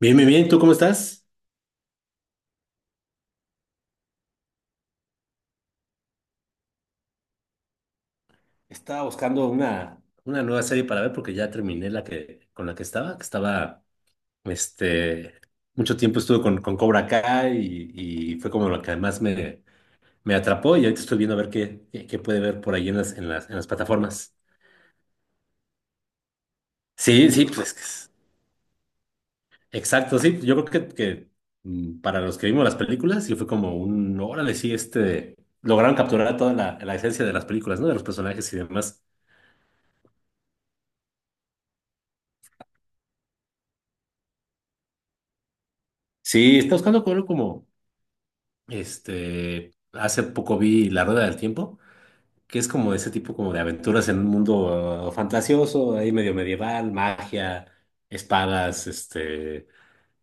Bien, bien, bien. ¿Tú cómo estás? Estaba buscando una nueva serie para ver porque ya terminé la que con la que estaba, este, mucho tiempo estuve con Cobra Kai y fue como lo que además me atrapó y ahorita estoy viendo a ver qué puede ver por ahí en las plataformas. Sí, sí, pues, exacto, sí. Yo creo que para los que vimos las películas, sí fue como un, órale, sí, lograron capturar toda la esencia de las películas, ¿no? De los personajes y demás. Sí, está buscando como, hace poco vi La Rueda del Tiempo, que es como ese tipo como de aventuras en un mundo ah, fantasioso, ahí medio medieval, magia, espadas,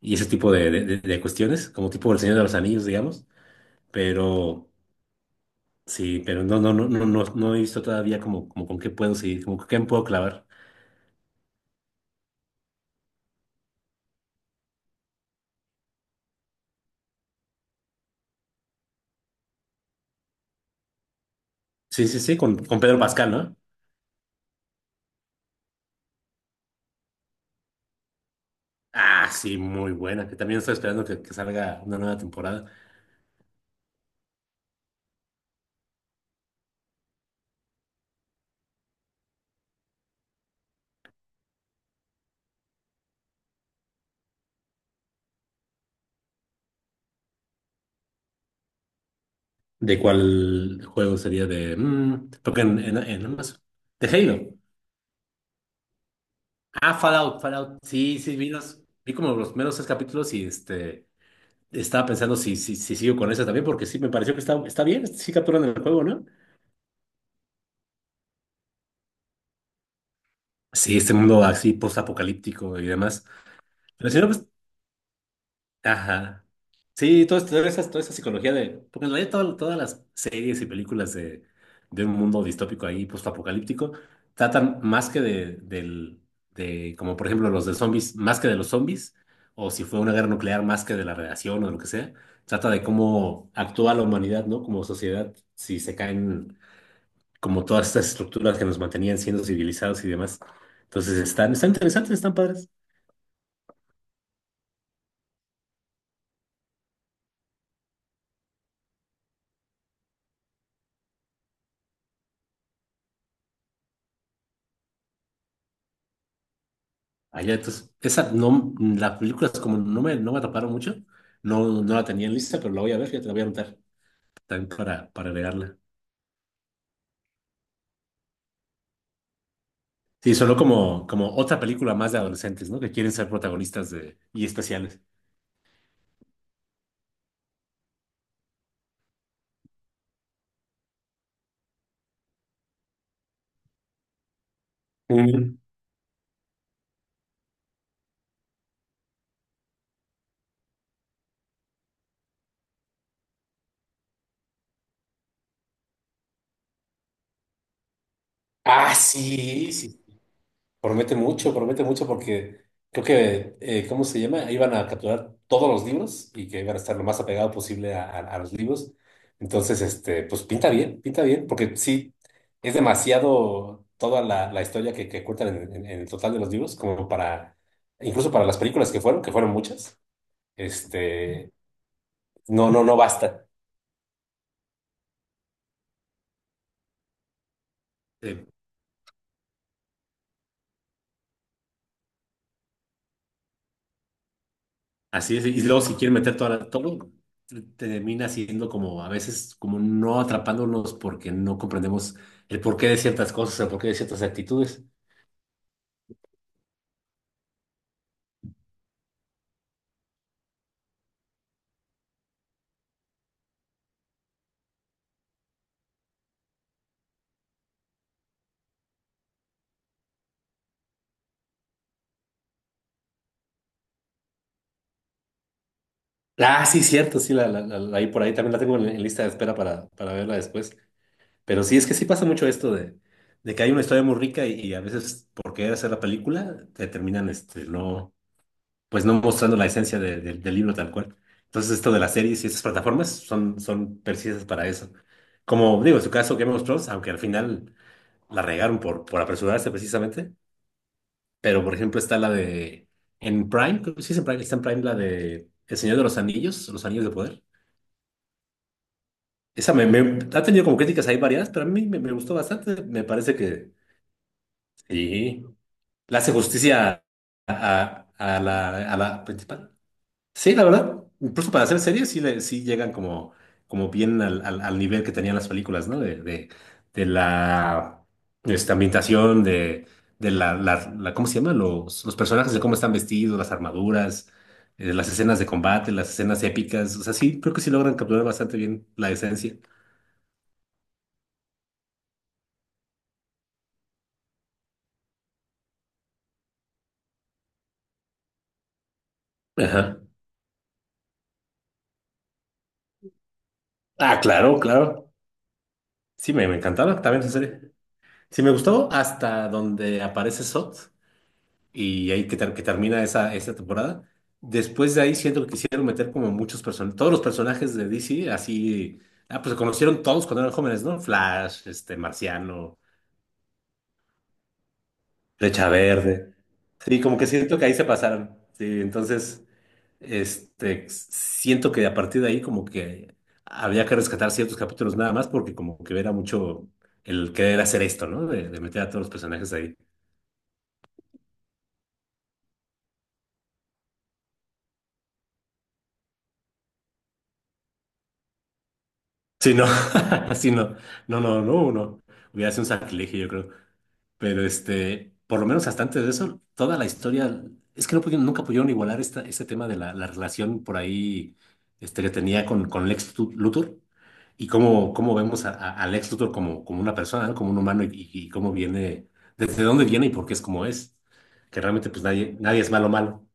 y ese tipo de cuestiones, como tipo El Señor de los Anillos, digamos. Pero sí, pero no he visto todavía como, como con qué puedo seguir, como con qué me puedo clavar. Sí, sí, sí, con Pedro Pascal, ¿no? Ah, sí, muy buena, que también estoy esperando que salga una nueva temporada. ¿De cuál juego sería de...? Porque en Amazon. De Halo. Ah, Fallout, Fallout. Sí, sí, vi como los primeros tres capítulos y estaba pensando si sigo con esa también, porque sí, me pareció que está, está bien, sí capturan el juego, ¿no? Sí, este mundo así post-apocalíptico y demás. Pero si no, pues... Ajá. Sí, toda esa psicología de... Porque en realidad todas las series y películas de un mundo distópico ahí, postapocalíptico, tratan más que de como por ejemplo los de zombies, más que de los zombies, o si fue una guerra nuclear, más que de la radiación o lo que sea, trata de cómo actúa la humanidad, ¿no? Como sociedad, si se caen como todas estas estructuras que nos mantenían siendo civilizados y demás. Entonces están, están interesantes, están padres. Allá, entonces, esa no, las películas como no me atraparon mucho, no la tenía en lista, pero la voy a ver, ya te la voy a anotar también para agregarla. Sí, sonó como otra película más de adolescentes, ¿no? Que quieren ser protagonistas de, y especiales. Mm. Ah, sí, sí. Promete mucho porque creo que, ¿cómo se llama? Iban a capturar todos los libros y que iban a estar lo más apegado posible a los libros. Entonces, pues pinta bien, porque sí, es demasiado toda la historia que cuentan en el total de los libros, como para, incluso para las películas que fueron muchas, este, no basta. Así es, y luego si quieren meter todo, termina siendo como a veces como no atrapándonos porque no comprendemos el porqué de ciertas cosas, el porqué de ciertas actitudes. Ah, sí, cierto, sí, ahí por ahí también la tengo en lista de espera para verla después. Pero sí, es que sí pasa mucho esto de que hay una historia muy rica y a veces por querer hacer la película te terminan no, pues no mostrando la esencia del libro tal cual. Entonces, esto de las series y esas plataformas son, son precisas para eso. Como digo, en su caso, Game of Thrones, aunque al final la regaron por apresurarse precisamente, pero por ejemplo en Prime, creo que sí es en Prime, está en Prime la de El Señor de los Anillos, Los Anillos de Poder. Esa ha tenido como críticas ahí variadas, pero a mí me gustó bastante. Me parece que sí, le hace justicia a la principal. Sí, la verdad, incluso para hacer series sí, sí llegan como, como bien al nivel que tenían las películas, ¿no? De la esta ambientación, de ¿cómo se llama? Los personajes, de cómo están vestidos, las armaduras, las escenas de combate, las escenas épicas. O sea, sí, creo que sí logran capturar bastante bien la esencia. Ajá. Ah, claro, claro. Sí, me encantaba también esa serie. Sí, me gustó hasta donde aparece Sot, y ahí que termina esa, esa temporada. Después de ahí siento que quisieron meter como muchos personajes, todos los personajes de DC, así, ah, pues se conocieron todos cuando eran jóvenes, ¿no? Flash, este, Marciano, Flecha Verde. Sí, como que siento que ahí se pasaron. Sí, entonces, siento que a partir de ahí como que había que rescatar ciertos capítulos nada más porque como que era mucho el querer hacer esto, ¿no? De meter a todos los personajes ahí. Sí, no, sí, no, no, uno hubiera sido un sacrilegio, yo creo. Pero este, por lo menos hasta antes de eso, toda la historia, es que no pudieron, nunca pudieron igualar este tema de la relación por ahí que tenía con Lex Luthor y cómo, cómo vemos a Lex Luthor como, como una persona, ¿no? Como un humano y cómo viene, desde dónde viene y por qué es como es. Que realmente pues nadie, nadie es malo malo.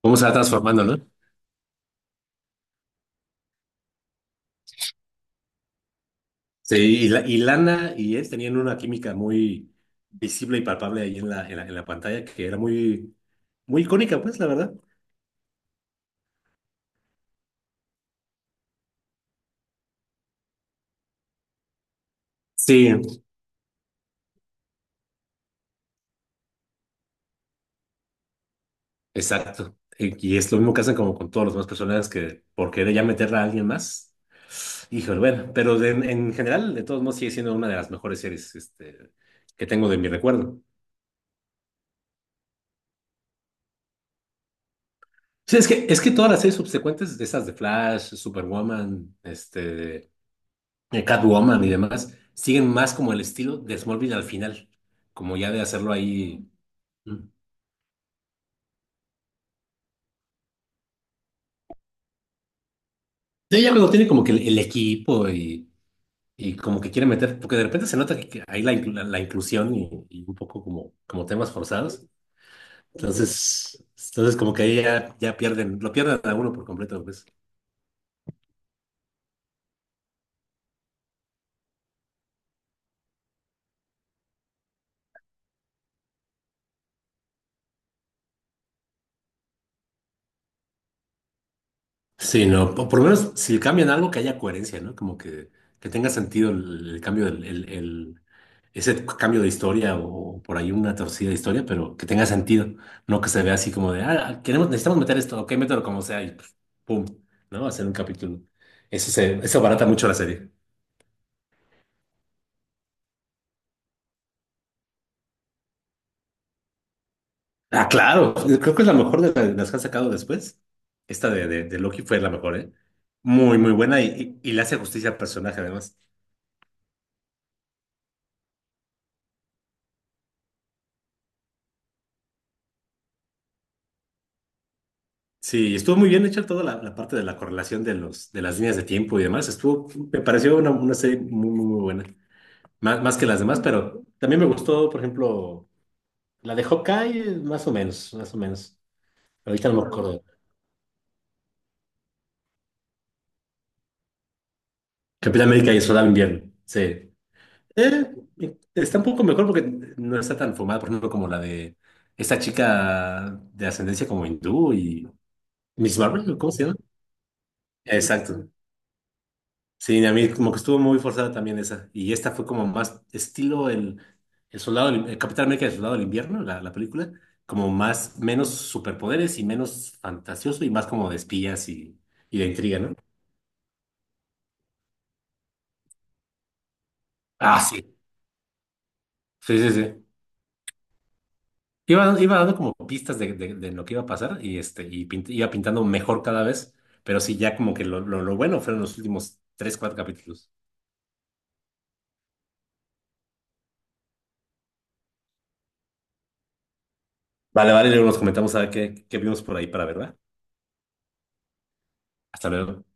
Cómo se va transformando, ¿no? Sí, y Lana y él tenían una química muy visible y palpable ahí en la pantalla que era muy, muy icónica, pues, la verdad. Sí, exacto. Y es lo mismo que hacen como con todos los demás personajes que por querer ya meterla a alguien más. Híjole, bueno, pero en general, de todos modos, sigue siendo una de las mejores series que tengo de mi recuerdo. Sí, es que todas las series subsecuentes, de esas de Flash, Superwoman, de Catwoman y demás, siguen más como el estilo de Smallville al final, como ya de hacerlo ahí. Mm. Sí, ya cuando tiene como que el equipo y como que quiere meter, porque de repente se nota que hay la inclusión y un poco como, como temas forzados. Entonces como que ahí ya, ya pierden, lo pierden a uno por completo, pues. Sí, no, por lo menos si cambian algo que haya coherencia, ¿no? Como que tenga sentido el cambio, el- ese cambio de historia o, por ahí una torcida de historia, pero que tenga sentido, no que se vea así como de, ah, ah, queremos, necesitamos meter esto, ok, mételo como sea y pf, pum, ¿no? Hacer un capítulo. Eso se, eso abarata mucho la serie. Ah, claro, creo que es la mejor de las que han sacado después. Esta de Loki fue la mejor, ¿eh? Muy, muy buena y le hace justicia al personaje además. Sí, estuvo muy bien hecha toda la parte de la correlación de de las líneas de tiempo y demás. Estuvo, me pareció una serie muy, muy, muy buena. Más, más que las demás, pero también me gustó, por ejemplo, la de Hawkeye, más o menos, más o menos. Ahorita no me acuerdo. Capitán América y el Soldado del Invierno. Sí. Eh, está un poco mejor porque no está tan fumada, por ejemplo, como la de esta chica de ascendencia como hindú y Miss Marvel, ¿cómo se llama? Exacto. Sí, a mí como que estuvo muy forzada también esa. Y esta fue como más estilo el soldado, el Capitán América, del soldado del invierno, la película, como más, menos superpoderes y menos fantasioso y más como de espías y de intriga, ¿no? Ah, sí. Sí, sí, sí. Iba, iba dando como pistas de, de lo que iba a pasar y, iba pintando mejor cada vez, pero sí, ya como que lo bueno fueron los últimos tres, cuatro capítulos. Vale, vale, luego nos comentamos a ver qué, qué vimos por ahí para ver, ¿verdad? Hasta luego.